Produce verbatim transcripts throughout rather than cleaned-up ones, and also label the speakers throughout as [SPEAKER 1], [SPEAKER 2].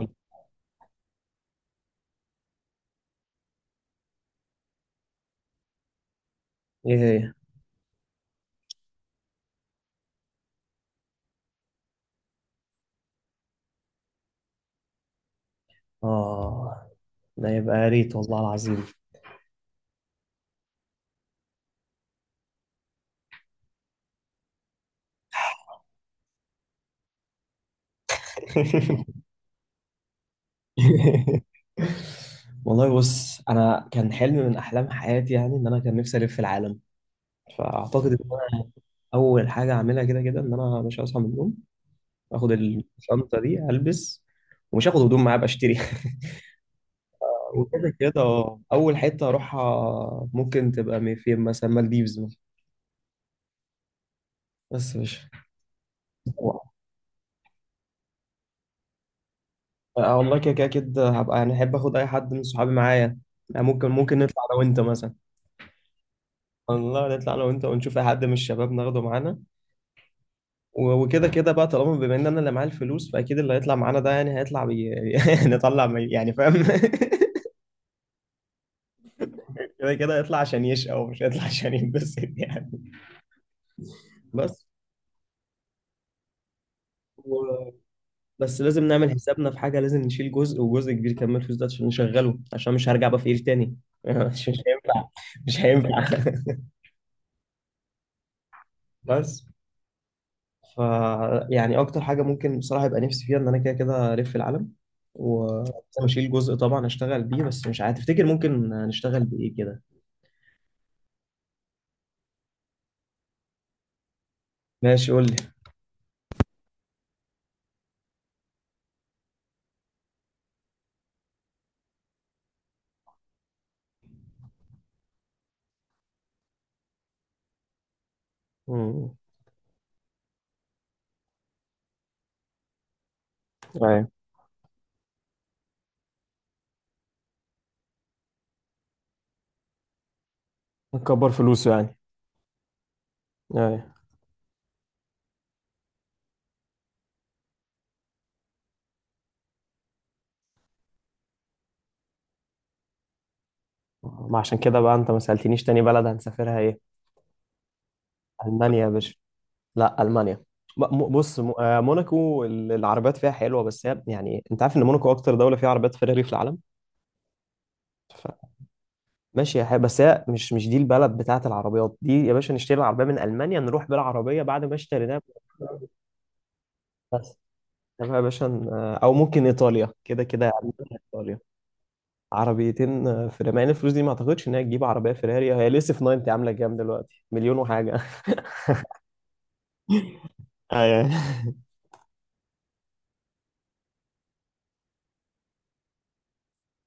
[SPEAKER 1] ايه؟ هي. اه، ده يبقى يا ريت والله العظيم. والله بص، انا كان حلم من احلام حياتي يعني ان انا كان نفسي الف العالم، فاعتقد ان انا اول حاجه اعملها كده كده ان انا مش هصحى من النوم، اخد الشنطه دي البس، ومش هاخد هدوم معايا بشتري. وكده كده اه، اول حته اروحها ممكن تبقى مي- فين مثلا مالديفز مثلا، بس مش. اه والله كده كده اكيد هبقى يعني احب اخد اي حد من صحابي معايا، يعني ممكن ممكن نطلع انا وانت مثلا. والله نطلع انا وانت ونشوف اي حد من الشباب ناخده معانا. و- وكده كده بقى، طالما بما ان انا اللي معايا الفلوس، فاكيد اللي هيطلع معانا ده يعني هيطلع بي... نطلع بي... يعني فاهم. كده كده هيطلع عشان يشقى، ومش هيطلع عشان ينبسط يعني، بس و... بس لازم نعمل حسابنا في حاجه، لازم نشيل جزء، وجزء كبير كمان من الفلوس ده عشان نشغله، عشان مش هرجع بقى فقير تاني. مش مش هينفع، مش هينفع. بس ف يعني اكتر حاجه ممكن بصراحه يبقى نفسي فيها ان انا كده كده الف العالم، واشيل جزء طبعا اشتغل بيه، بس مش عارف، تفتكر ممكن نشتغل بايه كده؟ ماشي قول لي. امم، ايوه. نكبر فلوسه يعني. ايوه. ما عشان كده بقى انت ما سألتنيش تاني بلد هنسافرها ايه؟ المانيا يا باشا، لا المانيا. ب- م- بص م- آه، موناكو ال- العربيات فيها حلوه، بس هي يعني انت عارف ان موناكو اكتر دوله فيها عربيات فيراري في العالم. ماشي يا حبيبي، بس هي مش مش دي البلد بتاعت العربيات دي يا باشا، نشتري العربية من ألمانيا، نروح بالعربية بعد ما اشتريناها. بس، تمام يا باشا. ن- أو ممكن إيطاليا، كده كده يعني إيطاليا. عربيتين آه، فيراري، مع إن الفلوس دي ما أعتقدش إن هي تجيب عربية فيراري، هي لسه في تسعين عاملة كام دلوقتي، مليون وحاجة. ايوه.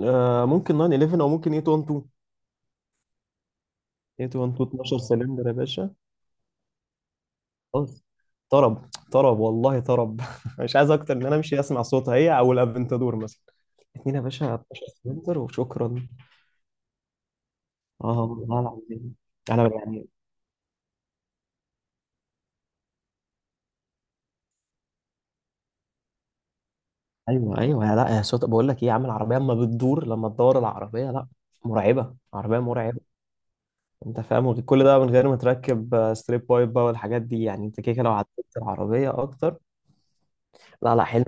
[SPEAKER 1] آه ممكن ناين ون ون أو ممكن ايت ون تو، ايت ون تو، اتناشر سلندر يا باشا، خلاص. طرب طرب والله طرب، مش عايز أكتر من إن أنا أمشي أسمع صوتها هي أو الأفنتادور مثلا. اتنين يا باشا، اتناشر سلندر وشكرا. اه والله العظيم. انا يعني، ايوه ايوه، يا لا، يا صوت، بقول لك ايه يا عم، العربيه اما بتدور، لما تدور العربيه، لا، مرعبه، عربيه مرعبه. انت فاهم، وغير- كل ده من غير ما تركب آه، ستريب بايب بقى والحاجات دي، يعني انت كده كده لو عدلت العربيه اكتر. لا لا حلو،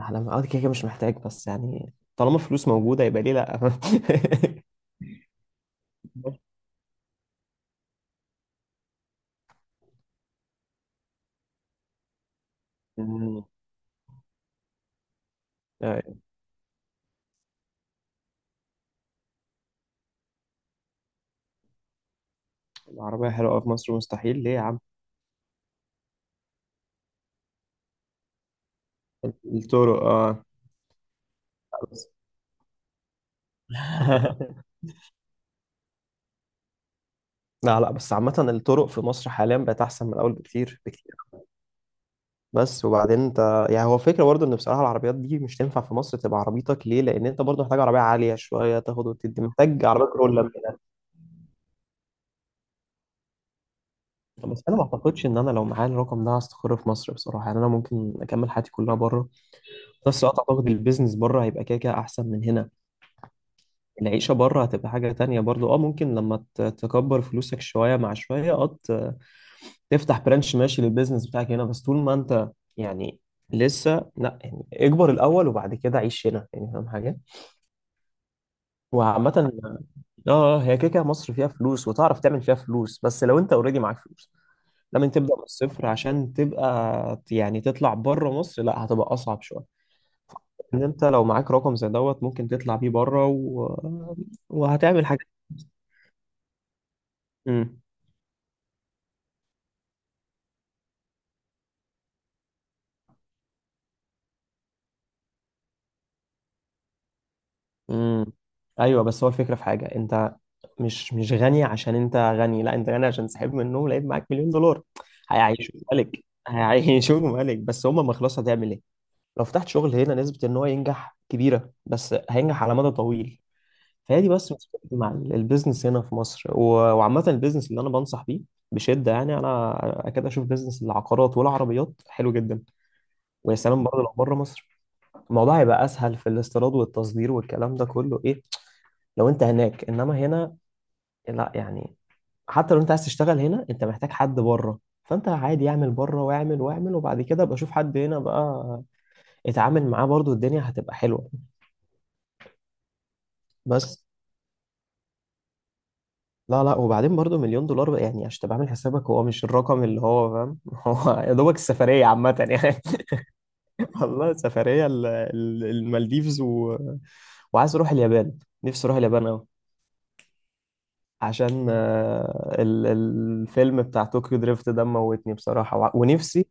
[SPEAKER 1] احلام، اه كده كده مش محتاج، بس يعني طالما فلوس موجوده، يبقى ليه لا؟ مم. آه، العربيه حلوه أوي في مصر مستحيل ليه يا عم؟ التورو اه. لا لا، بس عامة الطرق في مصر حاليا بقت أحسن من الأول بكتير بكتير. بس وبعدين أنت يعني، هو فكرة برضه إن بصراحة العربيات دي مش تنفع في مصر، تبقى عربيتك ليه؟ لأن أنت برضه محتاج عربية عالية شوية تاخد وتدي، محتاج عربية كرولا من الآخر. بس أنا ما أعتقدش إن أنا لو معايا الرقم ده هستقر في مصر بصراحة، يعني أنا ممكن أكمل حياتي كلها بره، بس أعتقد البيزنس بره هيبقى كده كده أحسن من هنا. العيشة بره هتبقى حاجة تانية برضه، أه ممكن لما ت- تكبر فلوسك شوية مع شوية أه، تفتح برانش ماشي للبيزنس بتاعك هنا، بس طول ما انت يعني لسه لا، يعني اكبر الاول وبعد كده عيش هنا يعني، فاهم حاجه؟ وعامه اه آه، هي كده كده مصر فيها فلوس وتعرف تعمل فيها فلوس، بس لو انت اوريدي معاك فلوس، لما تبدا من الصفر عشان تبقى يعني تطلع بره مصر لا، هتبقى اصعب شويه. ان انت لو معاك رقم زي دوت ممكن تطلع بيه بره و... وهتعمل حاجه. امم، امم، ايوه. بس هو الفكره في حاجه، انت مش مش غني عشان انت غني، لا، انت غني عشان سحب منهم لقيت معاك مليون دولار. هيعيشوه ملك، هيعيشوه ملك، بس هم ما خلاص، هتعمل ايه؟ لو فتحت شغل هنا، نسبة ان هو ينجح كبيرة، بس هينجح على مدى طويل، فهي دي بس مشكلتي مع ال- البيزنس هنا في مصر و- وعامة البيزنس اللي انا بنصح بيه بشدة، يعني انا اكاد اشوف بيزنس العقارات والعربيات حلو جدا. ويا سلام برضه لو بره مصر، الموضوع هيبقى اسهل في الاستيراد والتصدير والكلام ده كله، ايه، لو انت هناك انما هنا لا يعني. حتى لو انت عايز تشتغل هنا، انت محتاج حد بره، فانت عادي اعمل بره واعمل واعمل، وبعد كده ابقى اشوف حد هنا بقى اتعامل معاه، برضو الدنيا هتبقى حلوة. بس لا لا، وبعدين برضو مليون دولار بقى يعني، عشان تبقى عامل حسابك، هو مش الرقم اللي هو، فاهم، هو يا دوبك السفرية عامة يعني. والله سفرية ال- ال- المالديفز و... وعايز اروح اليابان، نفسي اروح اليابان قوي. عشان آه، ال- الفيلم بتاع طوكيو دريفت ده موتني بصراحة، وع- ونفسي،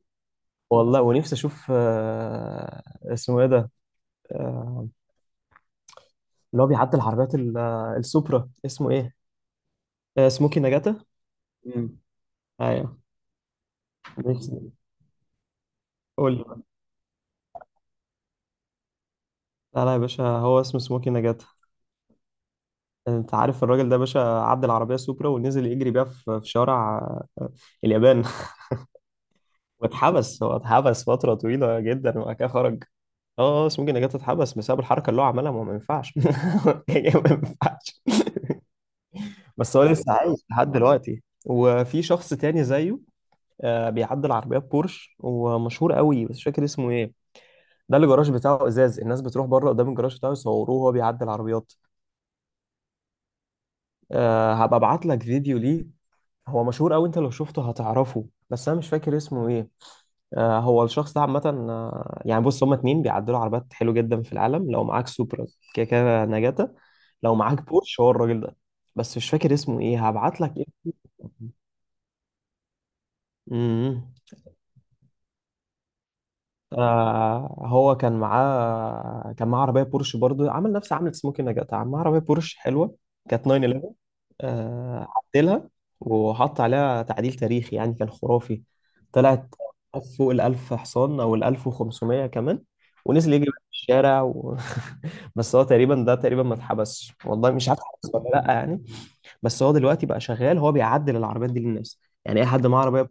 [SPEAKER 1] والله ونفسي اشوف آه، اسمه ايه ده، آه، اللي هو بيعدل العربيات ال- آه، السوبرا اسمه ايه، آه، سموكي نجاتا. مم. ايوه، نفسي. قول لي بقى. لا لا يا باشا، هو اسمه سموكي نجاتا. انت عارف الراجل ده يا باشا؟ عدى العربيه سوبرا ونزل يجري بيها في في شارع آه، اليابان. واتحبس، هو اتحبس فتره طويله جدا وبعد كده خرج. اه آه، سموكي نجاتا اتحبس بسبب الحركه اللي هو عملها، ما هو ما ينفعش، يعني ما ينفعش. بس هو لسه عايش لحد دلوقتي، وفي شخص تاني زيه آه، بيعدي العربيات بورش، ومشهور قوي، بس مش فاكر اسمه ايه. ده اللي الجراج بتاعه ازاز، الناس بتروح بره قدام الجراج بتاعه يصوروه وهو بيعدي العربيات. أه هبقى ابعت لك فيديو ليه، هو مشهور قوي، انت لو شفته هتعرفه، بس انا مش فاكر اسمه ايه. أه هو الشخص ده عامه آه، يعني بص، هما اتنين بيعدلوا عربيات حلو جدا في العالم، لو معاك سوبرا كده كده نجاتا، لو معاك بورش هو الراجل ده، بس مش فاكر اسمه ايه هبعت لك. ايه آه، هو كان معاه كان معاه عربيه بورش برضه، عمل نفس عملت سموكي نجات، معاه عربيه بورش حلوه كانت تسعمية وحداشر آه، عدلها وحط عليها تعديل تاريخي يعني، كان خرافي، طلعت فوق الألف حصان أو الألف وخمسمية كمان، ونزل يجري في الشارع و... بس هو تقريبا ده تقريبا ما اتحبسش، والله مش عارف اتحبس ولا لأ يعني. بس هو دلوقتي بقى شغال، هو بيعدل العربيات دي للناس، يعني أي حد معاه عربية.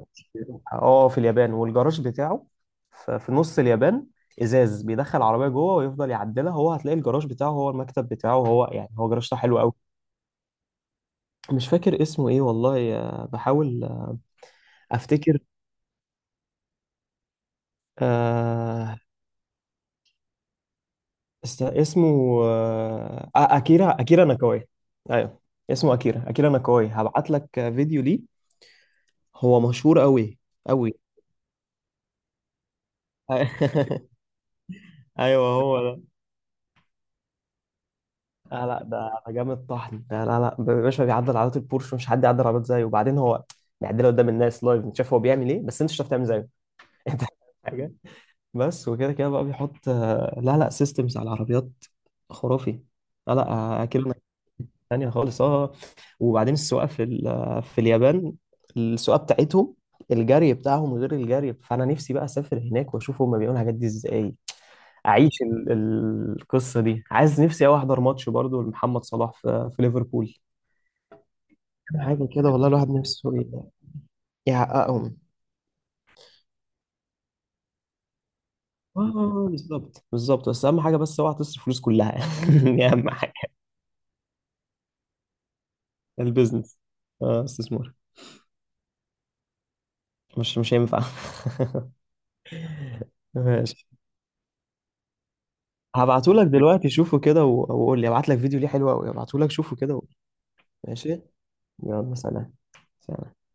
[SPEAKER 1] اه في اليابان، والجراج بتاعه ف- في نص اليابان، إزاز، بيدخل عربية جوه ويفضل يعدلها هو، هتلاقي الجراج بتاعه هو، المكتب بتاعه هو يعني، هو جراج حلو قوي. مش فاكر اسمه ايه والله آه، بحاول آه، افتكر آه. است- اسمه آه آه، اكيرا اكيرا ناكاوي. ايوه اسمه اكيرا اكيرا ناكاوي، هبعت لك آه، فيديو ليه، هو مشهور قوي قوي. ايوه هو ده. آه لا ده ده جامد طحن ده، لا لا، ب- باشا بيعدل عربيات البورش، مش حد يعدل عربيات زيه، وبعدين هو بيعدلها قدام الناس لايف، انت شايف هو بيعمل ايه، بس انت مش هتعرف تعمل زيه. انت فاهم حاجه. بس وكده كده بقى بيحط آه، لا لا سيستمز على العربيات، خرافي، لا لا آه، كلمة تانية خالص اه. وبعدين السواقة في ال- آه، في اليابان، السواقة بتاعتهم، الجري بتاعهم غير الجري، فأنا نفسي بقى أسافر هناك وأشوف هما بيعملوا الحاجات دي إزاي. أعيش ال- ال- القصة دي، عايز نفسي أوي أحضر ماتش برضو لمحمد صلاح في في ليفربول. حاجة كده والله الواحد نفسه ي- يحققهم. اه بالظبط بالظبط، بس أهم حاجة بس أوعى تصرف فلوس كلها، دي أهم حاجة. البيزنس، اه استثمار. مش مش هينفع. ماشي. هبعتهولك دلوقتي، شوفه كده و- وقول لي، هبعت لك فيديو ليه حلو قوي، هبعتهولك شوفه كده و... ماشي. يلا سلام. سلام.